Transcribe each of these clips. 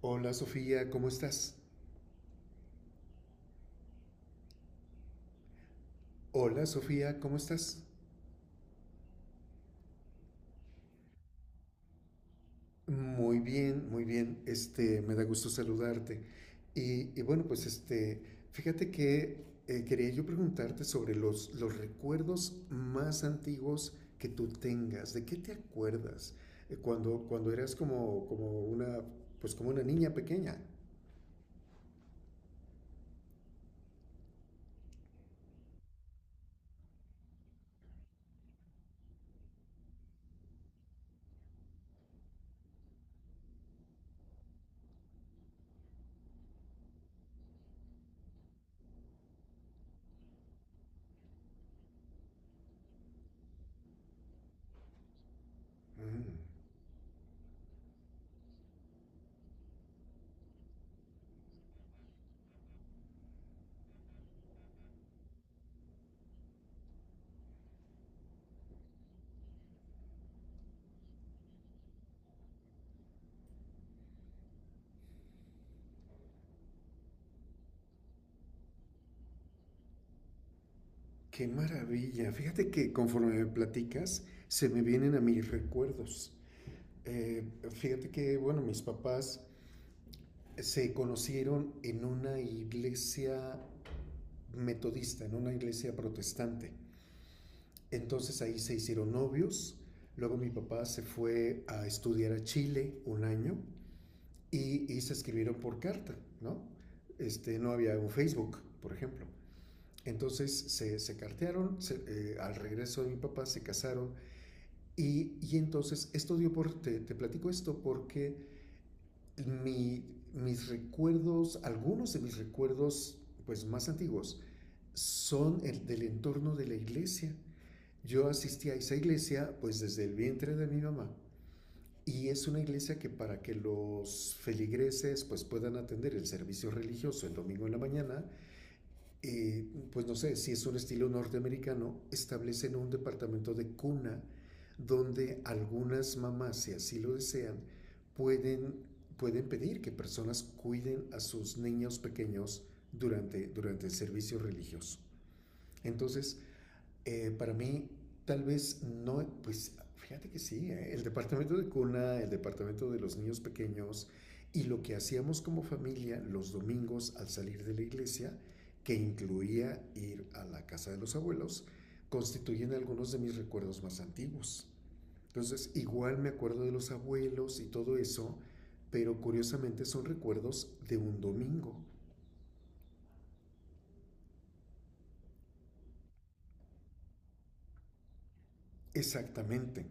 Hola Sofía, ¿cómo estás? Hola Sofía, ¿cómo estás? Muy bien, muy bien. Este, me da gusto saludarte. Y bueno, pues este, fíjate que quería yo preguntarte sobre los recuerdos más antiguos que tú tengas. ¿De qué te acuerdas? Cuando eras como una, pues como una niña pequeña. Mm, qué maravilla. Fíjate que conforme me platicas, se me vienen a mis recuerdos. Eh, fíjate que, bueno, mis papás se conocieron en una iglesia metodista, en una iglesia protestante. Entonces ahí se hicieron novios. Luego mi papá se fue a estudiar a Chile un año y se escribieron por carta, ¿no? Este, no había un Facebook, por ejemplo. Entonces se cartearon, al regreso de mi papá se casaron y entonces esto dio te platico esto porque Mi, mis recuerdos, algunos de mis recuerdos pues más antiguos, son el del entorno de la iglesia. Yo asistí a esa iglesia pues desde el vientre de mi mamá y es una iglesia que para que los feligreses pues puedan atender el servicio religioso el domingo en la mañana, eh, pues no sé, si es un estilo norteamericano, establecen un departamento de cuna donde algunas mamás, si así lo desean, pueden, pueden pedir que personas cuiden a sus niños pequeños durante el servicio religioso. Entonces, para mí, tal vez no, pues fíjate que sí, ¿eh? El departamento de cuna, el departamento de los niños pequeños y lo que hacíamos como familia los domingos al salir de la iglesia, que incluía ir a la casa de los abuelos, constituyen algunos de mis recuerdos más antiguos. Entonces, igual me acuerdo de los abuelos y todo eso, pero curiosamente son recuerdos de un domingo. Exactamente.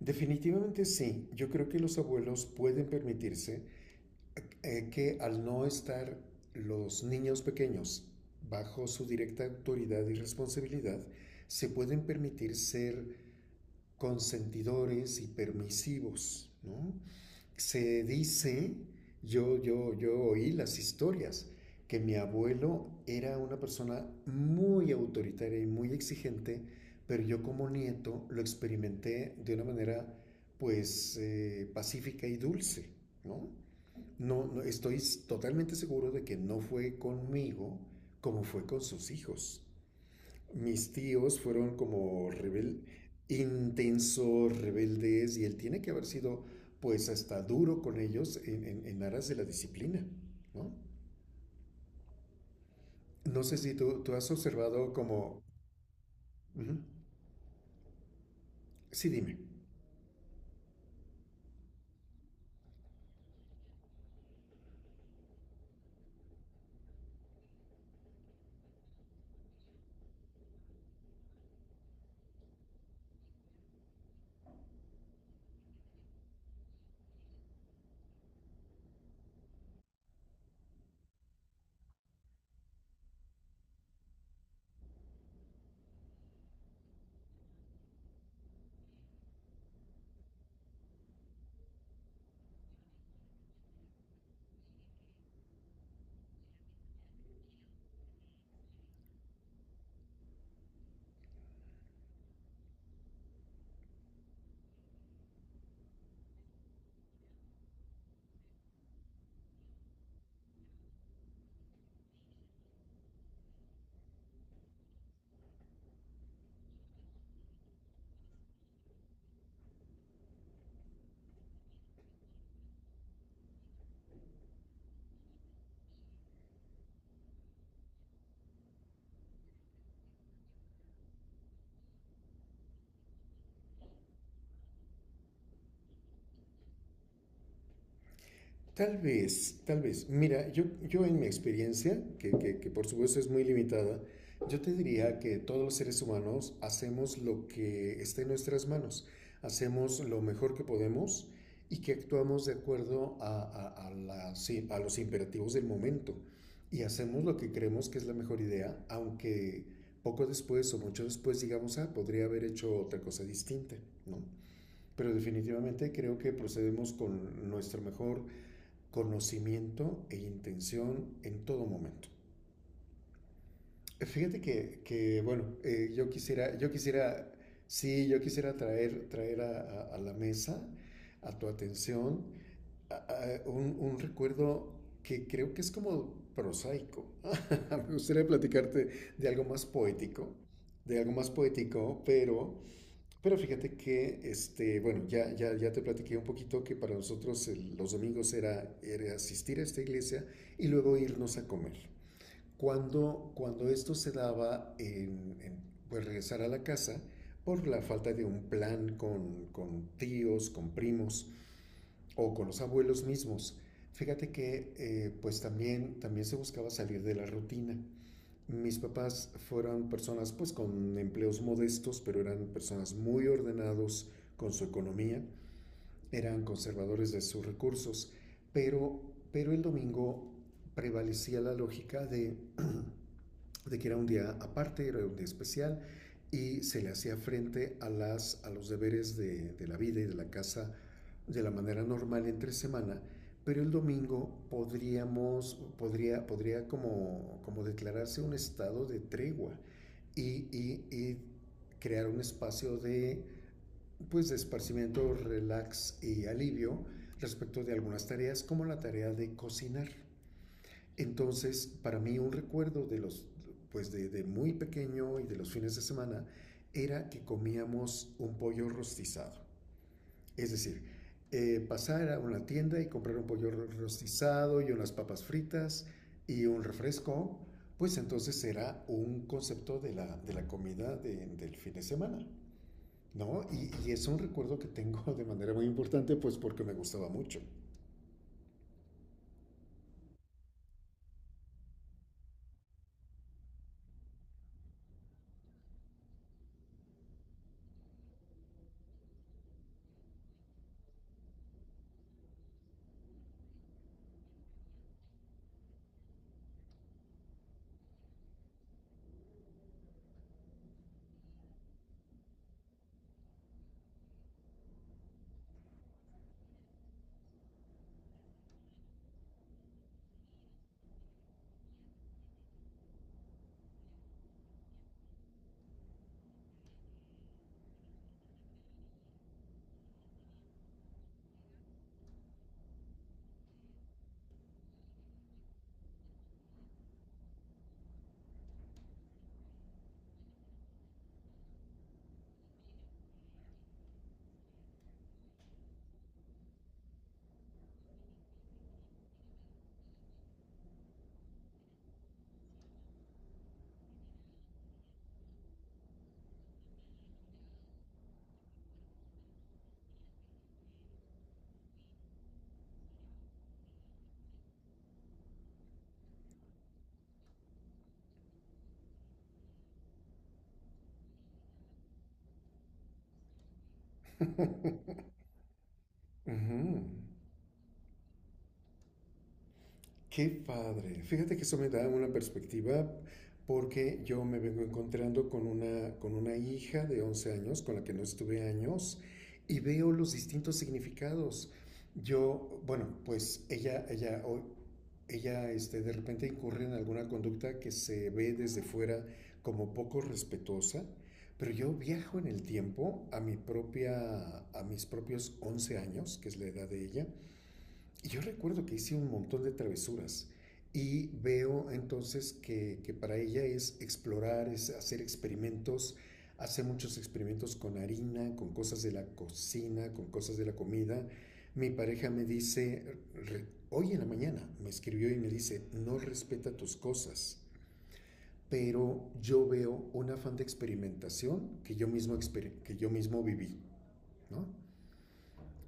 Definitivamente sí, yo creo que los abuelos pueden permitirse que al no estar los niños pequeños bajo su directa autoridad y responsabilidad, se pueden permitir ser consentidores y permisivos, ¿no? Se dice, yo oí las historias, que mi abuelo era una persona muy autoritaria y muy exigente, pero yo como nieto lo experimenté de una manera pues pacífica y dulce, ¿no? No, no, estoy totalmente seguro de que no fue conmigo como fue con sus hijos. Mis tíos fueron intensos, rebeldes, y él tiene que haber sido pues hasta duro con ellos en, en aras de la disciplina, ¿no? No sé si tú has observado como... Ujú. Sí, dime. Tal vez, tal vez. Mira, yo en mi experiencia, que por supuesto es muy limitada, yo te diría que todos los seres humanos hacemos lo que está en nuestras manos, hacemos lo mejor que podemos y que actuamos de acuerdo sí, a los imperativos del momento y hacemos lo que creemos que es la mejor idea, aunque poco después o mucho después digamos, ah, podría haber hecho otra cosa distinta, ¿no? Pero definitivamente creo que procedemos con nuestro mejor conocimiento e intención en todo momento. Fíjate que bueno, yo quisiera, sí, yo quisiera traer, a la mesa, a tu atención, un recuerdo que creo que es como prosaico. Me gustaría platicarte de algo más poético, de algo más poético, pero fíjate que, este, bueno, ya te platiqué un poquito que para nosotros los domingos era, era asistir a esta iglesia y luego irnos a comer. Cuando esto se daba pues regresar a la casa por la falta de un plan con tíos, con primos o con los abuelos mismos, fíjate que pues también, también se buscaba salir de la rutina. Mis papás fueron personas pues con empleos modestos, pero eran personas muy ordenados con su economía, eran conservadores de sus recursos, pero, pero el domingo prevalecía la lógica de de que era un día aparte, era un día especial y se le hacía frente a los deberes de la vida y de la casa de la manera normal entre semana, pero el domingo podría como, como declararse un estado de tregua y crear un espacio de, pues, de esparcimiento, relax y alivio respecto de algunas tareas como la tarea de cocinar. Entonces, para mí un recuerdo de los, pues de muy pequeño y de los fines de semana era que comíamos un pollo rostizado. Es decir, pasar a una tienda y comprar un pollo rostizado y unas papas fritas y un refresco, pues entonces era un concepto de de la comida del fin de semana, ¿no? Es un recuerdo que tengo de manera muy importante, pues porque me gustaba mucho. Uh -huh. Qué padre. Fíjate que eso me da una perspectiva porque yo me vengo encontrando con una hija de 11 años con la que no estuve años y veo los distintos significados. Yo, bueno, pues ella este, de repente incurre en alguna conducta que se ve desde fuera como poco respetuosa, pero yo viajo en el tiempo a mi propia, a mis propios 11 años, que es la edad de ella, y yo recuerdo que hice un montón de travesuras y veo entonces que para ella es explorar, es hacer experimentos, hace muchos experimentos con harina, con cosas de la cocina, con cosas de la comida. Mi pareja me dice, hoy en la mañana me escribió y me dice, no respeta tus cosas, pero yo veo un afán de experimentación que yo mismo, que yo mismo viví, ¿no?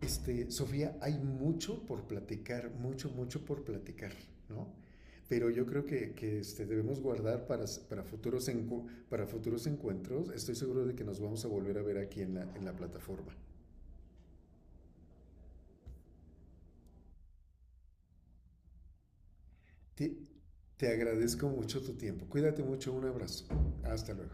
Este, Sofía, hay mucho por platicar, mucho, mucho por platicar, ¿no? Pero yo creo que este, debemos guardar futuros encu para futuros encuentros. Estoy seguro de que nos vamos a volver a ver aquí en en la plataforma. Te, te agradezco mucho tu tiempo. Cuídate mucho. Un abrazo. Hasta luego.